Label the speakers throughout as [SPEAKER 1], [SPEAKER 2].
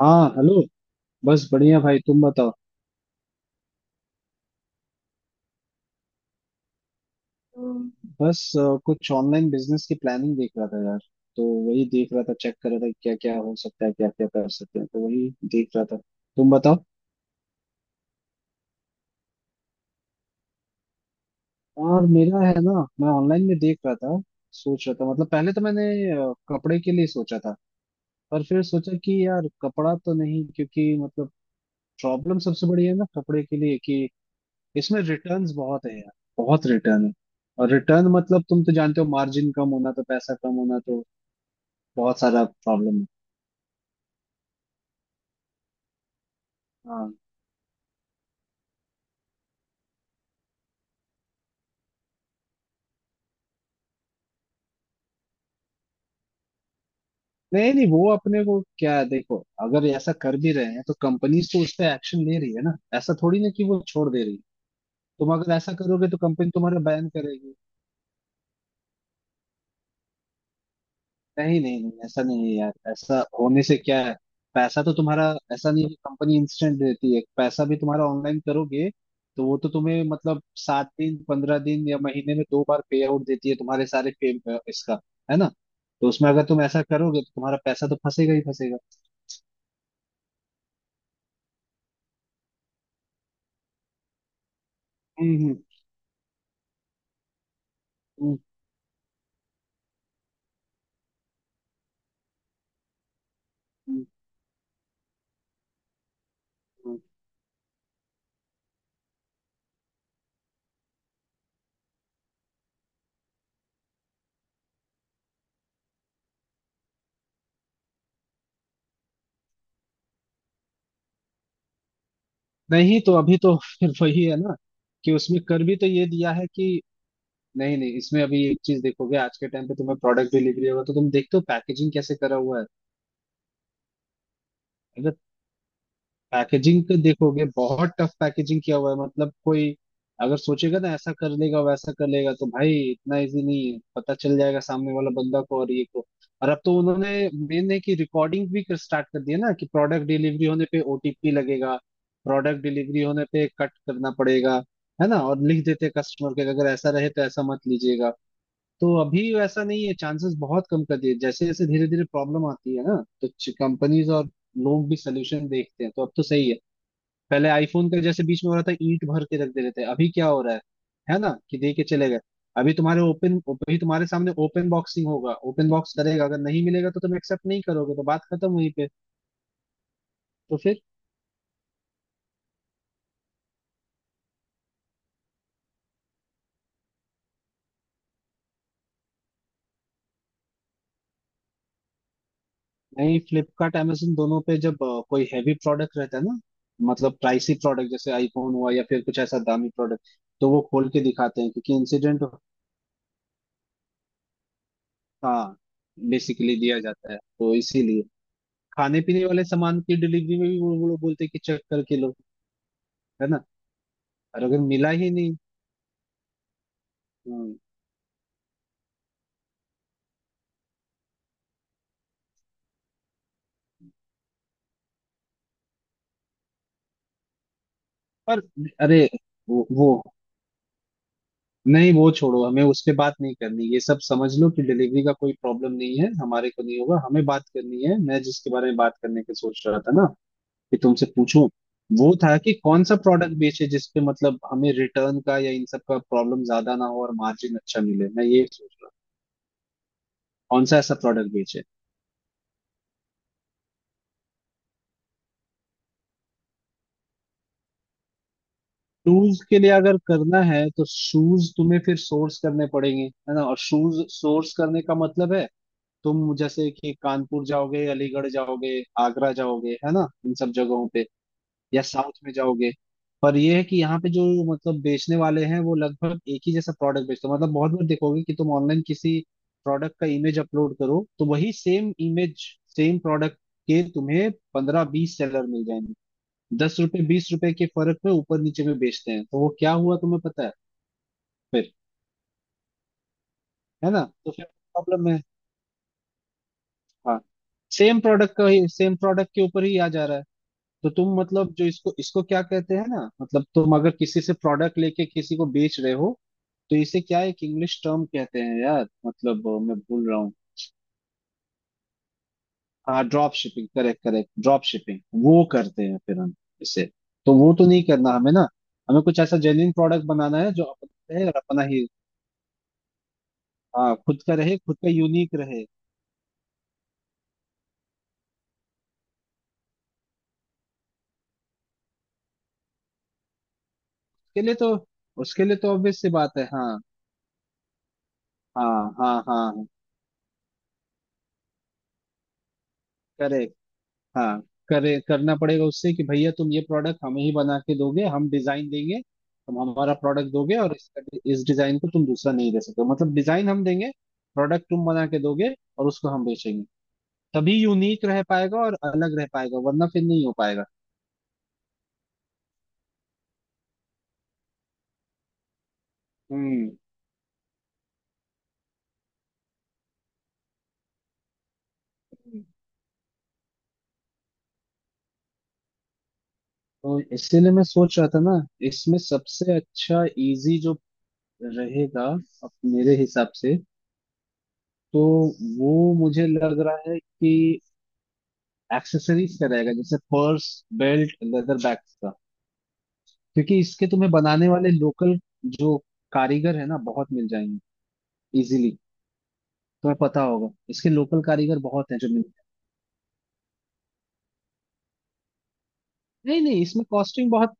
[SPEAKER 1] हाँ, हेलो। बस बढ़िया, भाई तुम बताओ। हम्म। बस कुछ ऑनलाइन बिजनेस की प्लानिंग देख रहा था यार। तो वही देख रहा था, चेक कर रहा था क्या क्या हो सकता है, क्या क्या कर सकते हैं, तो वही देख रहा था। तुम बताओ। और मेरा है ना, मैं ऑनलाइन में देख रहा था, सोच रहा था। मतलब पहले तो मैंने कपड़े के लिए सोचा था, पर फिर सोचा कि यार कपड़ा तो नहीं, क्योंकि मतलब प्रॉब्लम सबसे बड़ी है ना कपड़े के लिए कि इसमें रिटर्न्स बहुत है यार। बहुत रिटर्न है। और रिटर्न मतलब तुम तो जानते हो, मार्जिन कम होना तो पैसा कम होना, तो बहुत सारा प्रॉब्लम है। हाँ। नहीं नहीं, वो अपने को क्या है, देखो अगर ऐसा कर भी रहे हैं तो कंपनीज तो उस पर एक्शन ले रही है ना, ऐसा थोड़ी ना कि वो छोड़ दे रही है। तुम अगर ऐसा करोगे तो कंपनी तुम्हारा बैन करेगी। नहीं नहीं नहीं, ऐसा नहीं है यार। ऐसा होने से क्या है, पैसा तो तुम्हारा। ऐसा नहीं है कि कंपनी इंस्टेंट देती है, पैसा भी तुम्हारा ऑनलाइन करोगे तो वो तो तुम्हें मतलब 7 दिन 15 दिन या महीने में 2 बार पे आउट देती है, तुम्हारे सारे पे इसका। है ना। तो उसमें अगर तुम ऐसा करोगे तो तुम्हारा पैसा तो फंसेगा ही फंसेगा। हम्म। हम्म, हम्म, हम्म। नहीं तो अभी तो फिर वही है ना, कि उसमें कर भी तो ये दिया है कि नहीं नहीं। इसमें अभी एक चीज देखोगे, आज के टाइम पे तुम्हें प्रोडक्ट डिलीवरी होगा तो तुम देखते हो पैकेजिंग कैसे करा हुआ है। पैकेजिंग को देखोगे बहुत टफ पैकेजिंग किया हुआ है। मतलब कोई अगर सोचेगा ना, ऐसा कर लेगा वैसा कर लेगा, तो भाई इतना इजी नहीं है, पता चल जाएगा सामने वाला बंदा को। और ये को और अब तो उन्होंने मेन है कि रिकॉर्डिंग भी कर स्टार्ट कर दिया ना, कि प्रोडक्ट डिलीवरी होने पे ओटीपी लगेगा। प्रोडक्ट डिलीवरी होने पे कट करना पड़ेगा। है ना। और लिख देते कस्टमर के अगर ऐसा रहे तो ऐसा मत लीजिएगा। तो अभी वैसा नहीं है, चांसेस बहुत कम कर दिए। जैसे जैसे धीरे धीरे प्रॉब्लम आती है ना तो कंपनीज और लोग भी सोल्यूशन देखते हैं, तो अब तो सही है। पहले आईफोन का जैसे बीच में हो रहा था, ईंट भर के रख दे रहे थे। अभी क्या हो रहा है ना, कि दे के चले गए। अभी तुम्हारे ओपन, अभी तुम्हारे सामने ओपन बॉक्सिंग होगा, ओपन बॉक्स करेगा, अगर नहीं मिलेगा तो तुम एक्सेप्ट नहीं करोगे, तो बात खत्म वहीं पे। तो फिर नहीं, फ्लिपकार्ट अमेजन दोनों पे जब कोई हैवी प्रोडक्ट रहता है ना, मतलब प्राइसी प्रोडक्ट जैसे आईफोन हुआ या फिर कुछ ऐसा दामी प्रोडक्ट, तो वो खोल के दिखाते हैं क्योंकि इंसिडेंट। हाँ, बेसिकली दिया जाता है। तो इसीलिए खाने पीने वाले सामान की डिलीवरी में भी वो लोग बोलते हैं कि चेक करके लो। है ना। और अगर मिला ही नहीं। हम्म, पर अरे वो नहीं, वो छोड़ो, हमें उस पे बात नहीं करनी। ये सब समझ लो कि डिलीवरी का कोई प्रॉब्लम नहीं है, हमारे को नहीं होगा। हमें बात करनी है, मैं जिसके बारे में बात करने की सोच रहा था ना कि तुमसे पूछूं, वो था कि कौन सा प्रोडक्ट बेचे जिसपे मतलब हमें रिटर्न का या इन सब का प्रॉब्लम ज्यादा ना हो और मार्जिन अच्छा मिले। मैं ये सोच रहा हूँ कौन सा ऐसा प्रोडक्ट बेचे। शूज के लिए अगर करना है तो शूज तुम्हें फिर सोर्स करने पड़ेंगे है ना, और शूज सोर्स करने का मतलब है तुम जैसे कि कानपुर जाओगे, अलीगढ़ जाओगे, आगरा जाओगे, है ना, इन सब जगहों पे या साउथ में जाओगे। पर यह है कि यहाँ पे जो मतलब बेचने वाले हैं वो लगभग एक ही जैसा प्रोडक्ट बेचते हैं। मतलब बहुत बार देखोगे कि तुम ऑनलाइन किसी प्रोडक्ट का इमेज अपलोड करो तो वही सेम इमेज, सेम प्रोडक्ट के तुम्हें 15-20 सेलर मिल जाएंगे। ₹10 ₹20 के फर्क में ऊपर नीचे में बेचते हैं। तो वो क्या हुआ तुम्हें पता है फिर। है ना। तो फिर प्रॉब्लम है। हाँ, सेम प्रोडक्ट का ही सेम प्रोडक्ट के ऊपर ही आ जा रहा है। तो तुम मतलब जो इसको इसको क्या कहते हैं ना, मतलब तुम अगर किसी से प्रोडक्ट लेके किसी को बेच रहे हो तो इसे क्या एक इंग्लिश टर्म कहते हैं यार, मतलब मैं भूल रहा हूँ। हाँ drop shipping, correct correct, drop shipping. वो करते हैं फिर हम इसे। तो वो तो नहीं करना हमें ना, हमें कुछ ऐसा जेन्युइन प्रोडक्ट बनाना है जो अपना रहे और अपना ही। हाँ खुद का रहे, खुद का यूनिक रहे। उसके लिए तो, उसके लिए तो ऑब्वियस सी बात है। हाँ हाँ हाँ हाँ। करेक्ट। हाँ करे करना पड़ेगा उससे कि भैया तुम ये प्रोडक्ट हमें ही बना के दोगे, हम डिजाइन देंगे, तुम हमारा प्रोडक्ट दोगे और इसका इस डिजाइन को तुम दूसरा नहीं दे सकते, मतलब डिजाइन हम देंगे, प्रोडक्ट तुम बना के दोगे, और उसको हम बेचेंगे। तभी यूनिक रह पाएगा और अलग रह पाएगा, वरना फिर नहीं हो पाएगा। हम्म। तो इसीलिए मैं सोच रहा था ना, इसमें सबसे अच्छा इजी जो रहेगा अब मेरे हिसाब से, तो वो मुझे लग रहा है कि एक्सेसरीज का रहेगा, जैसे पर्स, बेल्ट, लेदर बैग का। क्योंकि इसके तुम्हें बनाने वाले लोकल जो कारीगर है ना, बहुत मिल जाएंगे इजीली। तुम्हें पता होगा इसके लोकल कारीगर बहुत हैं जो मिल। नहीं नहीं, इसमें कॉस्टिंग बहुत,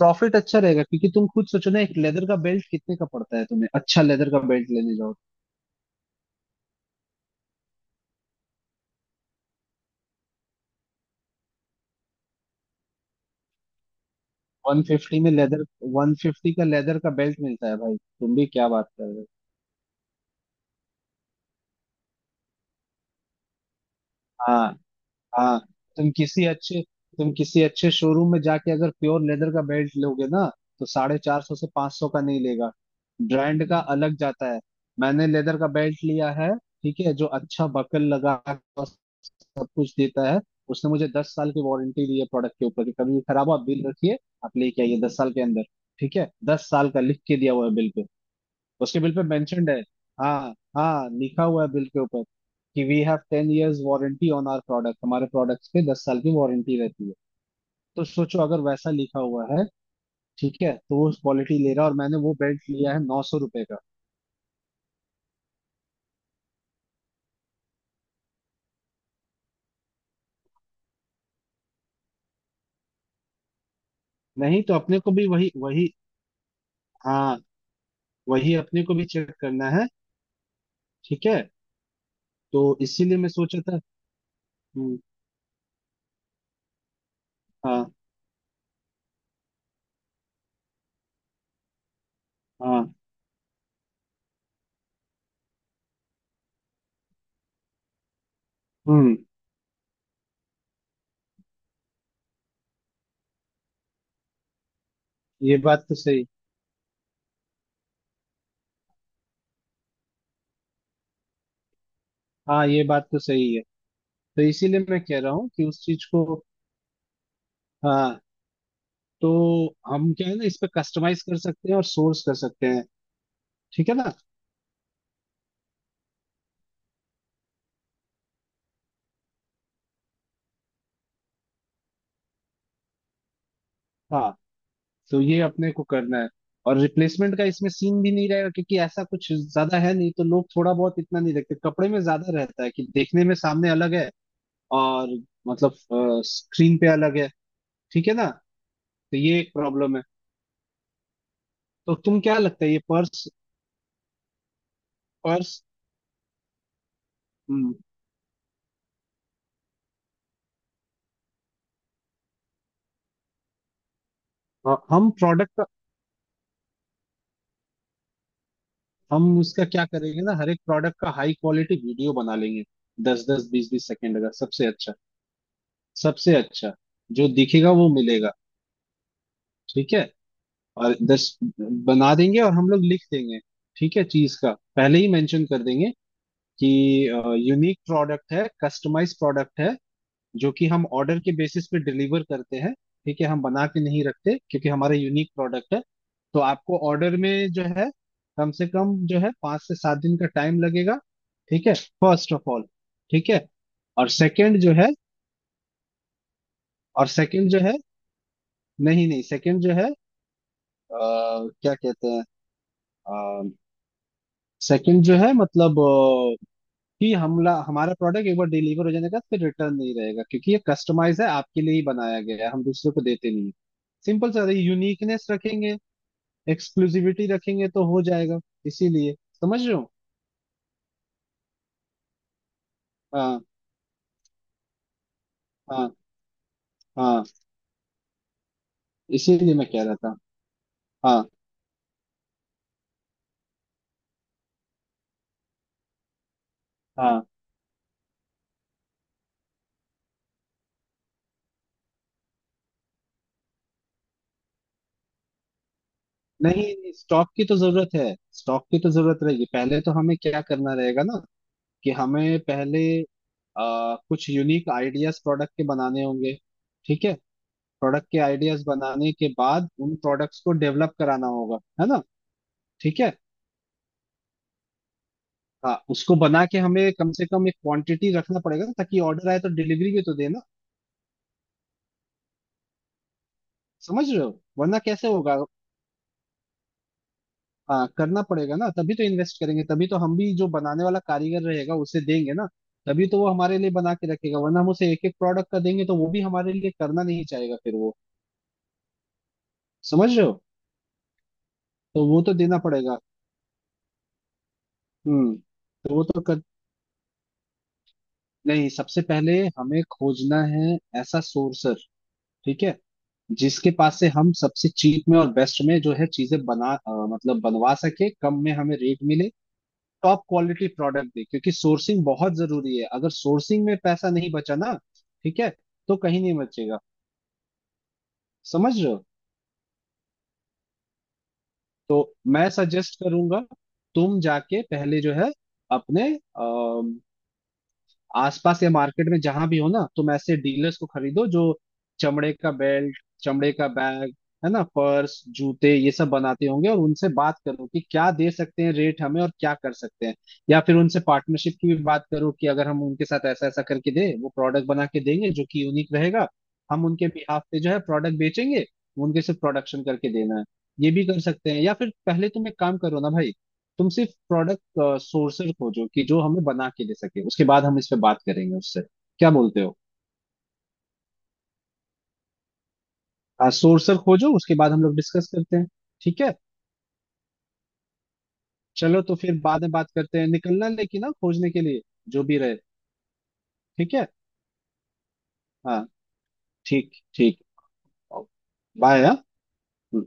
[SPEAKER 1] प्रॉफिट अच्छा रहेगा। क्योंकि तुम खुद सोचो ना, एक लेदर का बेल्ट कितने का पड़ता है, तुम्हें अच्छा लेदर का बेल्ट लेने जाओ। 150 में लेदर, 150 का लेदर का बेल्ट मिलता है भाई, तुम भी क्या बात कर रहे हो। हाँ हाँ। तुम किसी अच्छे, तुम किसी अच्छे शोरूम में जाके अगर प्योर लेदर का बेल्ट लोगे ना, तो 450 से 500 का नहीं लेगा। ब्रांड का अलग जाता है। मैंने लेदर का बेल्ट लिया है, ठीक है, जो अच्छा बकल लगा और सब कुछ देता है। उसने मुझे 10 साल की वारंटी दी है प्रोडक्ट के ऊपर, कि कभी भी खराब हो आप बिल रखिए, आप लेके आइए 10 साल के अंदर। ठीक है, 10 साल का लिख के दिया हुआ है बिल पे। उसके बिल पे मेंशन्ड है, हाँ हाँ, लिखा हुआ है बिल के ऊपर कि we have 10 years warranty on our product, हमारे प्रोडक्ट्स पे 10 साल की वारंटी रहती है। तो सोचो अगर वैसा लिखा हुआ है, ठीक है, तो वो क्वालिटी ले रहा है। और मैंने वो बेल्ट लिया है ₹900 का। नहीं तो अपने को भी वही वही, हाँ वही अपने को भी चेक करना है। ठीक है, तो इसीलिए मैं सोचा था। हम्म, हाँ। हाँ। हम्म। ये बात तो सही। हाँ ये बात तो सही है। तो इसीलिए मैं कह रहा हूँ कि उस चीज को, हाँ, तो हम क्या है ना इस पे कस्टमाइज कर सकते हैं और सोर्स कर सकते हैं। ठीक है ना। हाँ, तो ये अपने को करना है। और रिप्लेसमेंट का इसमें सीन भी नहीं रहेगा क्योंकि ऐसा कुछ ज्यादा है नहीं, तो लोग थोड़ा बहुत इतना नहीं देखते। कपड़े में ज्यादा रहता है कि देखने में सामने अलग है और मतलब स्क्रीन पे अलग है। ठीक है ना। तो ये एक प्रॉब्लम है। तो तुम क्या लगता है ये पर्स, पर्स हम प्रोडक्ट का, हम उसका क्या करेंगे ना, हर एक प्रोडक्ट का हाई क्वालिटी वीडियो बना लेंगे, 10-10, 20-20 सेकंड का, सबसे अच्छा, सबसे अच्छा। जो दिखेगा वो मिलेगा। ठीक है, और दस बना देंगे और हम लोग लिख देंगे। ठीक है, चीज का पहले ही मेंशन कर देंगे कि यूनिक प्रोडक्ट है, कस्टमाइज प्रोडक्ट है जो कि हम ऑर्डर के बेसिस पे डिलीवर करते हैं। ठीक है, हम बना के नहीं रखते क्योंकि हमारा यूनिक प्रोडक्ट है। तो आपको ऑर्डर में जो है, कम से कम जो है 5 से 7 दिन का टाइम लगेगा। ठीक है, फर्स्ट ऑफ ऑल, ठीक है। और सेकंड जो है, और सेकंड जो है, नहीं नहीं, सेकंड जो है, क्या कहते हैं, सेकंड जो है मतलब कि हमला हमारा प्रोडक्ट एक बार डिलीवर हो जाने का फिर रिटर्न नहीं रहेगा, क्योंकि ये कस्टमाइज है, आपके लिए ही बनाया गया है, हम दूसरे को देते नहीं। सिंपल सा है, यूनिकनेस रखेंगे, एक्सक्लूसिविटी रखेंगे तो हो जाएगा। इसीलिए समझ रहे हो। हाँ हाँ हाँ। इसीलिए मैं कह रहा था। हाँ हाँ। नहीं, स्टॉक की तो जरूरत है। स्टॉक की तो जरूरत रहेगी, पहले तो हमें क्या करना रहेगा ना, कि हमें पहले कुछ यूनिक आइडियाज प्रोडक्ट के बनाने होंगे। ठीक है, प्रोडक्ट के आइडियाज बनाने के बाद उन प्रोडक्ट्स को डेवलप कराना होगा, है ना। ठीक है। हाँ उसको बना के हमें कम से कम एक क्वांटिटी रखना पड़ेगा ना, ताकि ऑर्डर आए तो डिलीवरी भी तो देना। समझ रहे हो, वरना कैसे होगा। हाँ करना पड़ेगा ना, तभी तो इन्वेस्ट करेंगे, तभी तो हम भी जो बनाने वाला कारीगर रहेगा उसे देंगे ना, तभी तो वो हमारे लिए बना के रखेगा। वरना हम उसे एक एक प्रोडक्ट का देंगे तो वो भी हमारे लिए करना नहीं चाहेगा फिर वो। समझ रहे हो, तो वो तो देना पड़ेगा। हम्म। तो वो तो कर, नहीं सबसे पहले हमें खोजना है ऐसा सोर्सर। ठीक है, जिसके पास से हम सबसे चीप में और बेस्ट में जो है चीजें बना मतलब बनवा सके, कम में हमें रेट मिले, टॉप क्वालिटी प्रोडक्ट दे। क्योंकि सोर्सिंग बहुत जरूरी है, अगर सोर्सिंग में पैसा नहीं बचा ना, ठीक है, तो कहीं नहीं बचेगा। समझ रहे हो, मैं सजेस्ट करूंगा तुम जाके पहले जो है अपने आसपास या मार्केट में जहां भी हो ना, तुम ऐसे डीलर्स को खरीदो जो चमड़े का बेल्ट, चमड़े का बैग, है ना पर्स जूते ये सब बनाते होंगे, और उनसे बात करो कि क्या दे सकते हैं रेट हमें और क्या कर सकते हैं। या फिर उनसे पार्टनरशिप की भी बात करो कि अगर हम उनके साथ ऐसा ऐसा करके दे वो प्रोडक्ट बना के देंगे जो कि यूनिक रहेगा, हम उनके बिहाफ पे जो है प्रोडक्ट बेचेंगे, उनके सिर्फ प्रोडक्शन करके देना है। ये भी कर सकते हैं, या फिर पहले तुम एक काम करो ना भाई, तुम सिर्फ प्रोडक्ट सोर्सर खोजो कि जो हमें बना के दे सके, उसके बाद हम इस पे बात करेंगे उससे। क्या बोलते हो। सोर्सर खोजो, उसके बाद हम लोग डिस्कस करते हैं। ठीक है। चलो तो फिर बाद में बात करते हैं, निकलना लेकिन ना खोजने के लिए जो भी रहे। ठीक है। हाँ। ठीक ठीक। बाय। हाँ। हम्म।